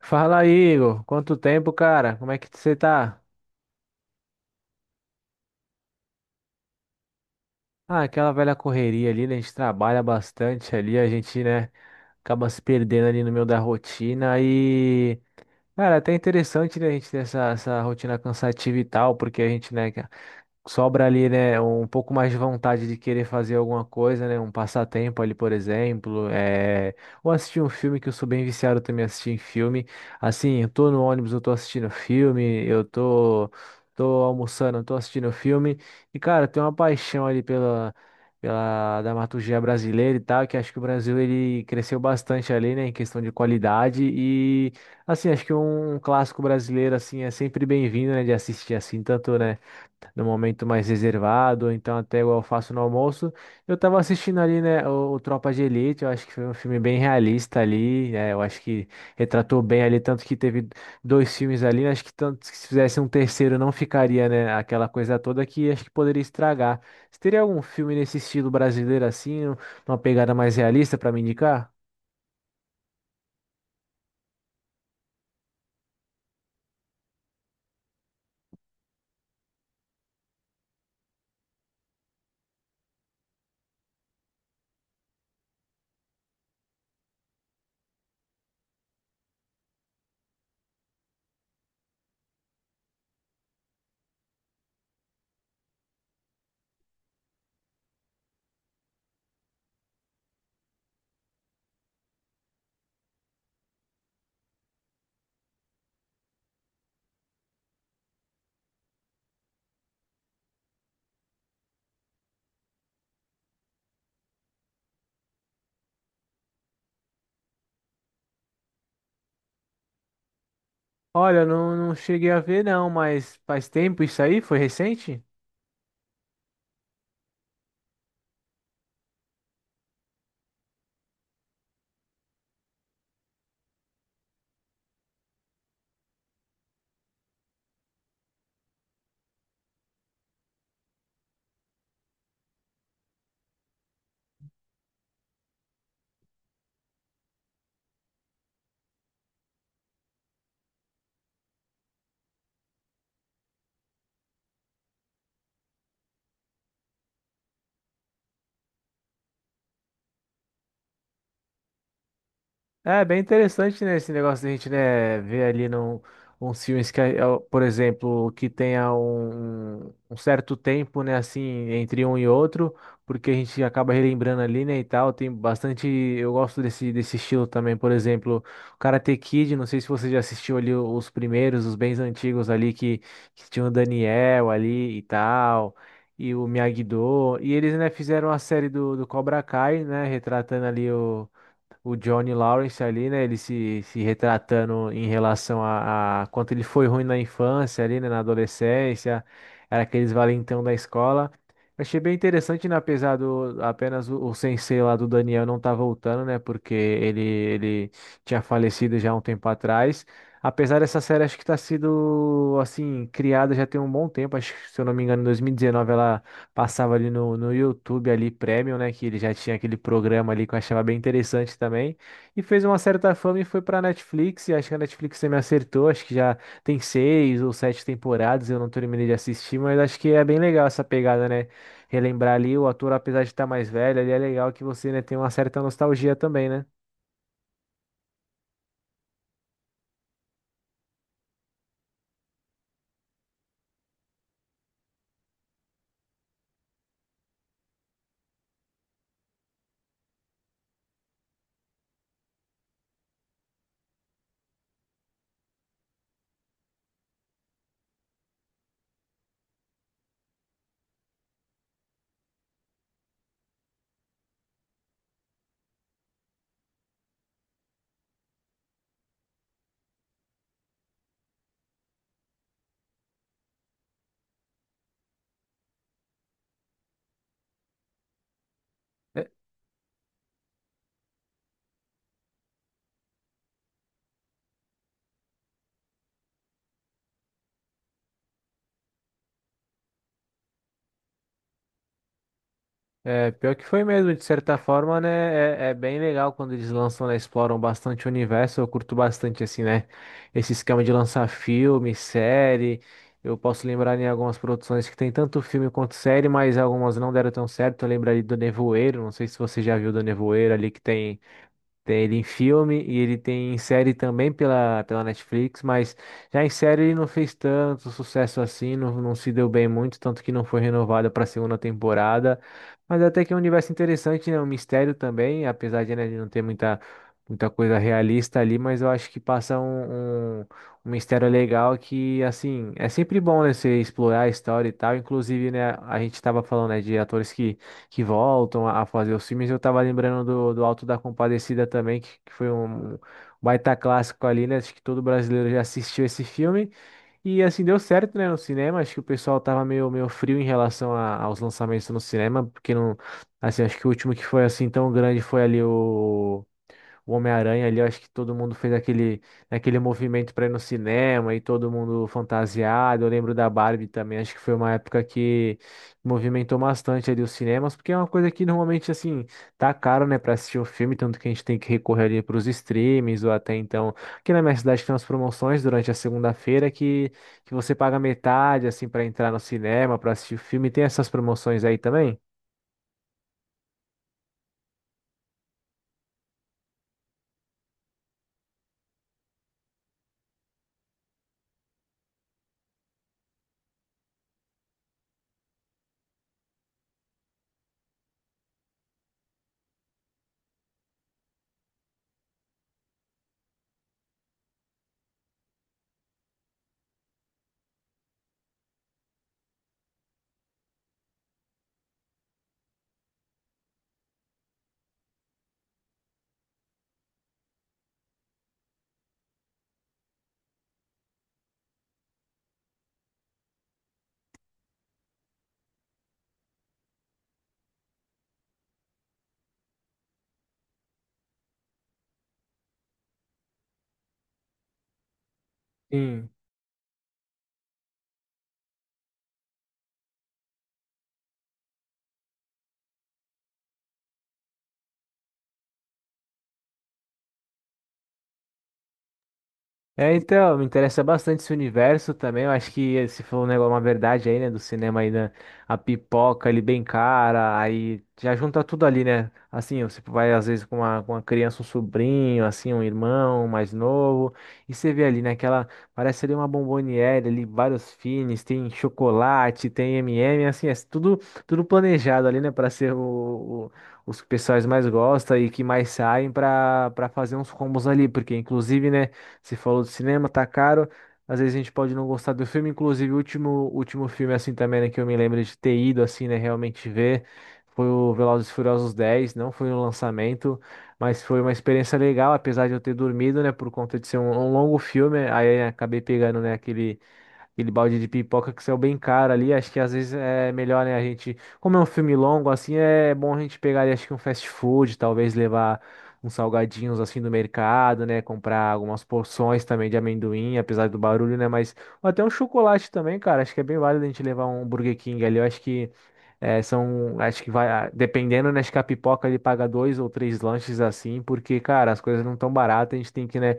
Fala, Igor. Quanto tempo, cara? Como é que você tá? Ah, aquela velha correria ali, né? A gente trabalha bastante ali, a gente, né, acaba se perdendo ali no meio da rotina e, cara, é até interessante, né, a gente ter essa rotina cansativa e tal, porque a gente, né, sobra ali, né, um pouco mais de vontade de querer fazer alguma coisa, né, um passatempo ali, por exemplo, ou assistir um filme que eu sou bem viciado também em assistir em filme. Assim, eu tô no ônibus, eu tô assistindo filme, eu tô almoçando, eu tô assistindo filme. E cara, tem uma paixão ali pela dramaturgia brasileira e tal, que acho que o Brasil ele cresceu bastante ali, né, em questão de qualidade e assim, acho que um clássico brasileiro assim é sempre bem-vindo, né, de assistir assim, tanto, né, no momento mais reservado, ou então até igual eu faço no almoço. Eu tava assistindo ali, né, o Tropa de Elite, eu acho que foi um filme bem realista ali, né, eu acho que retratou bem ali, tanto que teve dois filmes ali, né, acho que tanto que se fizesse um terceiro não ficaria, né, aquela coisa toda que acho que poderia estragar. Você teria algum filme nesse estilo brasileiro assim, uma pegada mais realista para me indicar? Olha, eu não cheguei a ver não, mas faz tempo isso aí? Foi recente? É bem interessante, né, esse negócio de a gente, né, ver ali uns filmes que, ó, por exemplo, que tenha um certo tempo, né, assim, entre um e outro, porque a gente acaba relembrando ali, né, e tal, tem bastante, eu gosto desse estilo também, por exemplo, o Karate Kid, não sei se você já assistiu ali os primeiros, os bens antigos ali, que tinha o Daniel ali e tal, e o Miyagi-Do, e eles, né, fizeram a série do Cobra Kai, né, retratando ali o Johnny Lawrence ali, né? Ele se retratando em relação a quanto ele foi ruim na infância ali, né? Na adolescência, era aqueles valentão da escola. Eu achei bem interessante, né? Apesar do apenas o sensei lá do Daniel não tá voltando, né? Porque ele tinha falecido já há um tempo atrás. Apesar dessa série, acho que tá sido, assim, criada já tem um bom tempo. Acho que, se eu não me engano, em 2019 ela passava ali no, no YouTube ali Premium, né? Que ele já tinha aquele programa ali que eu achava bem interessante também. E fez uma certa fama e foi pra Netflix. E acho que a Netflix também acertou. Acho que já tem seis ou sete temporadas. Eu não terminei de assistir, mas acho que é bem legal essa pegada, né? Relembrar ali o ator, apesar de estar mais velho, ali é legal que você, né, tem uma certa nostalgia também, né? É, pior que foi mesmo, de certa forma, né? É, é bem legal quando eles lançam, né? Exploram bastante o universo. Eu curto bastante, assim, né? Esse esquema de lançar filme, série. Eu posso lembrar em algumas produções que tem tanto filme quanto série, mas algumas não deram tão certo. Eu lembro ali do Nevoeiro, não sei se você já viu do Nevoeiro ali que tem. Tem ele em filme e ele tem em série também pela Netflix, mas já em série ele não fez tanto sucesso assim, não, se deu bem muito, tanto que não foi renovado para a segunda temporada. Mas até que é um universo interessante, né? Um mistério também, apesar de, né, de não ter muita, muita coisa realista ali, mas eu acho que passa um mistério legal que, assim, é sempre bom, né, você explorar a história e tal. Inclusive, né, a gente estava falando, né, de atores que voltam a fazer os filmes. Eu tava lembrando do Alto da Compadecida também, que foi um baita clássico ali, né? Acho que todo brasileiro já assistiu esse filme. E assim, deu certo, né, no cinema. Acho que o pessoal tava meio, meio frio em relação aos lançamentos no cinema, porque não. Assim, acho que o último que foi assim tão grande foi ali o Homem-Aranha ali, eu acho que todo mundo fez aquele movimento para ir no cinema e todo mundo fantasiado. Eu lembro da Barbie também, acho que foi uma época que movimentou bastante ali os cinemas, porque é uma coisa que normalmente assim tá caro, né, para assistir um filme, tanto que a gente tem que recorrer ali para os streams ou até então. Aqui na minha cidade tem umas promoções durante a segunda-feira que você paga metade assim para entrar no cinema, para assistir o filme. Tem essas promoções aí também? Sim. É, então, me interessa bastante esse universo também. Eu acho que se for um negócio, uma verdade aí, né, do cinema aí, né, a pipoca ali bem cara, aí já junta tudo ali, né? Assim, você vai às vezes com uma criança, um sobrinho, assim, um irmão mais novo, e você vê ali, né, parece ali uma bomboniere ali, vários fines, tem chocolate, tem M&M, assim, é tudo planejado ali, né, para ser o- os que pessoais mais gostam e que mais saem para fazer uns combos ali, porque inclusive, né, você falou do cinema, tá caro. Às vezes a gente pode não gostar do filme, inclusive o último filme assim também, né, que eu me lembro de ter ido assim, né, realmente ver, foi o Velozes e Furiosos 10, não foi um lançamento, mas foi uma experiência legal, apesar de eu ter dormido, né, por conta de ser um longo filme, aí acabei pegando, né, aquele balde de pipoca que saiu bem caro ali. Acho que às vezes é melhor, né, a gente, como é um filme longo assim, é bom a gente pegar ali, acho que um fast food, talvez levar uns salgadinhos assim do mercado, né, comprar algumas porções também de amendoim, apesar do barulho, né, mas ou até um chocolate também, cara. Acho que é bem válido a gente levar um Burger King ali. Eu acho que é, são, acho que vai, ah, dependendo, né, acho que a pipoca ele paga dois ou três lanches assim, porque, cara, as coisas não tão baratas, a gente tem que, né,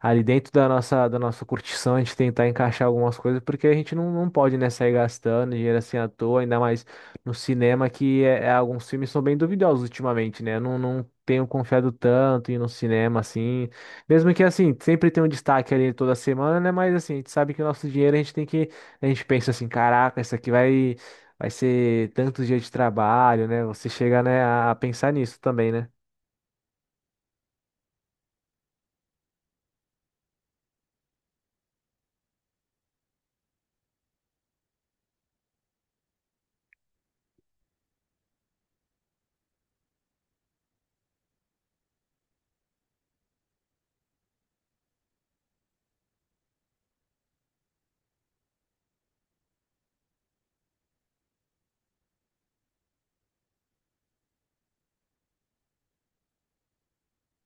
ali dentro da nossa curtição, a gente tentar encaixar algumas coisas, porque a gente não pode, né, sair gastando dinheiro assim à toa, ainda mais no cinema, que alguns filmes são bem duvidosos ultimamente, né? Eu não tenho confiado tanto em ir no cinema, assim. Mesmo que, assim, sempre tem um destaque ali toda semana, né? Mas, assim, a gente sabe que o nosso dinheiro a gente tem que... A gente pensa assim, caraca, isso aqui vai... Vai ser tantos dias de trabalho, né? Você chega, né, a pensar nisso também, né?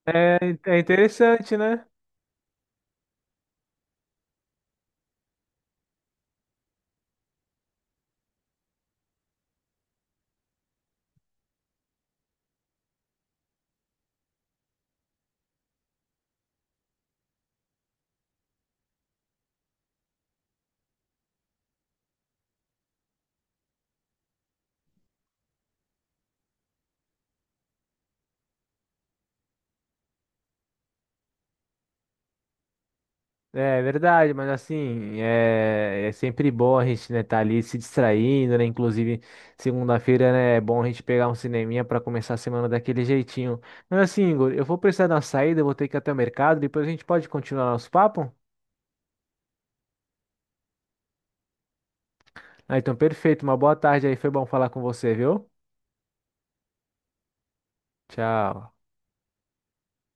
É, é interessante, né? É verdade, mas assim, é, é sempre bom a gente, né, tá ali se distraindo, né? Inclusive, segunda-feira, né, é bom a gente pegar um cineminha para começar a semana daquele jeitinho. Mas assim, Igor, eu vou precisar dar uma saída, eu vou ter que ir até o mercado, depois a gente pode continuar nosso papo? Ah, então perfeito, uma boa tarde aí, foi bom falar com você, viu? Tchau.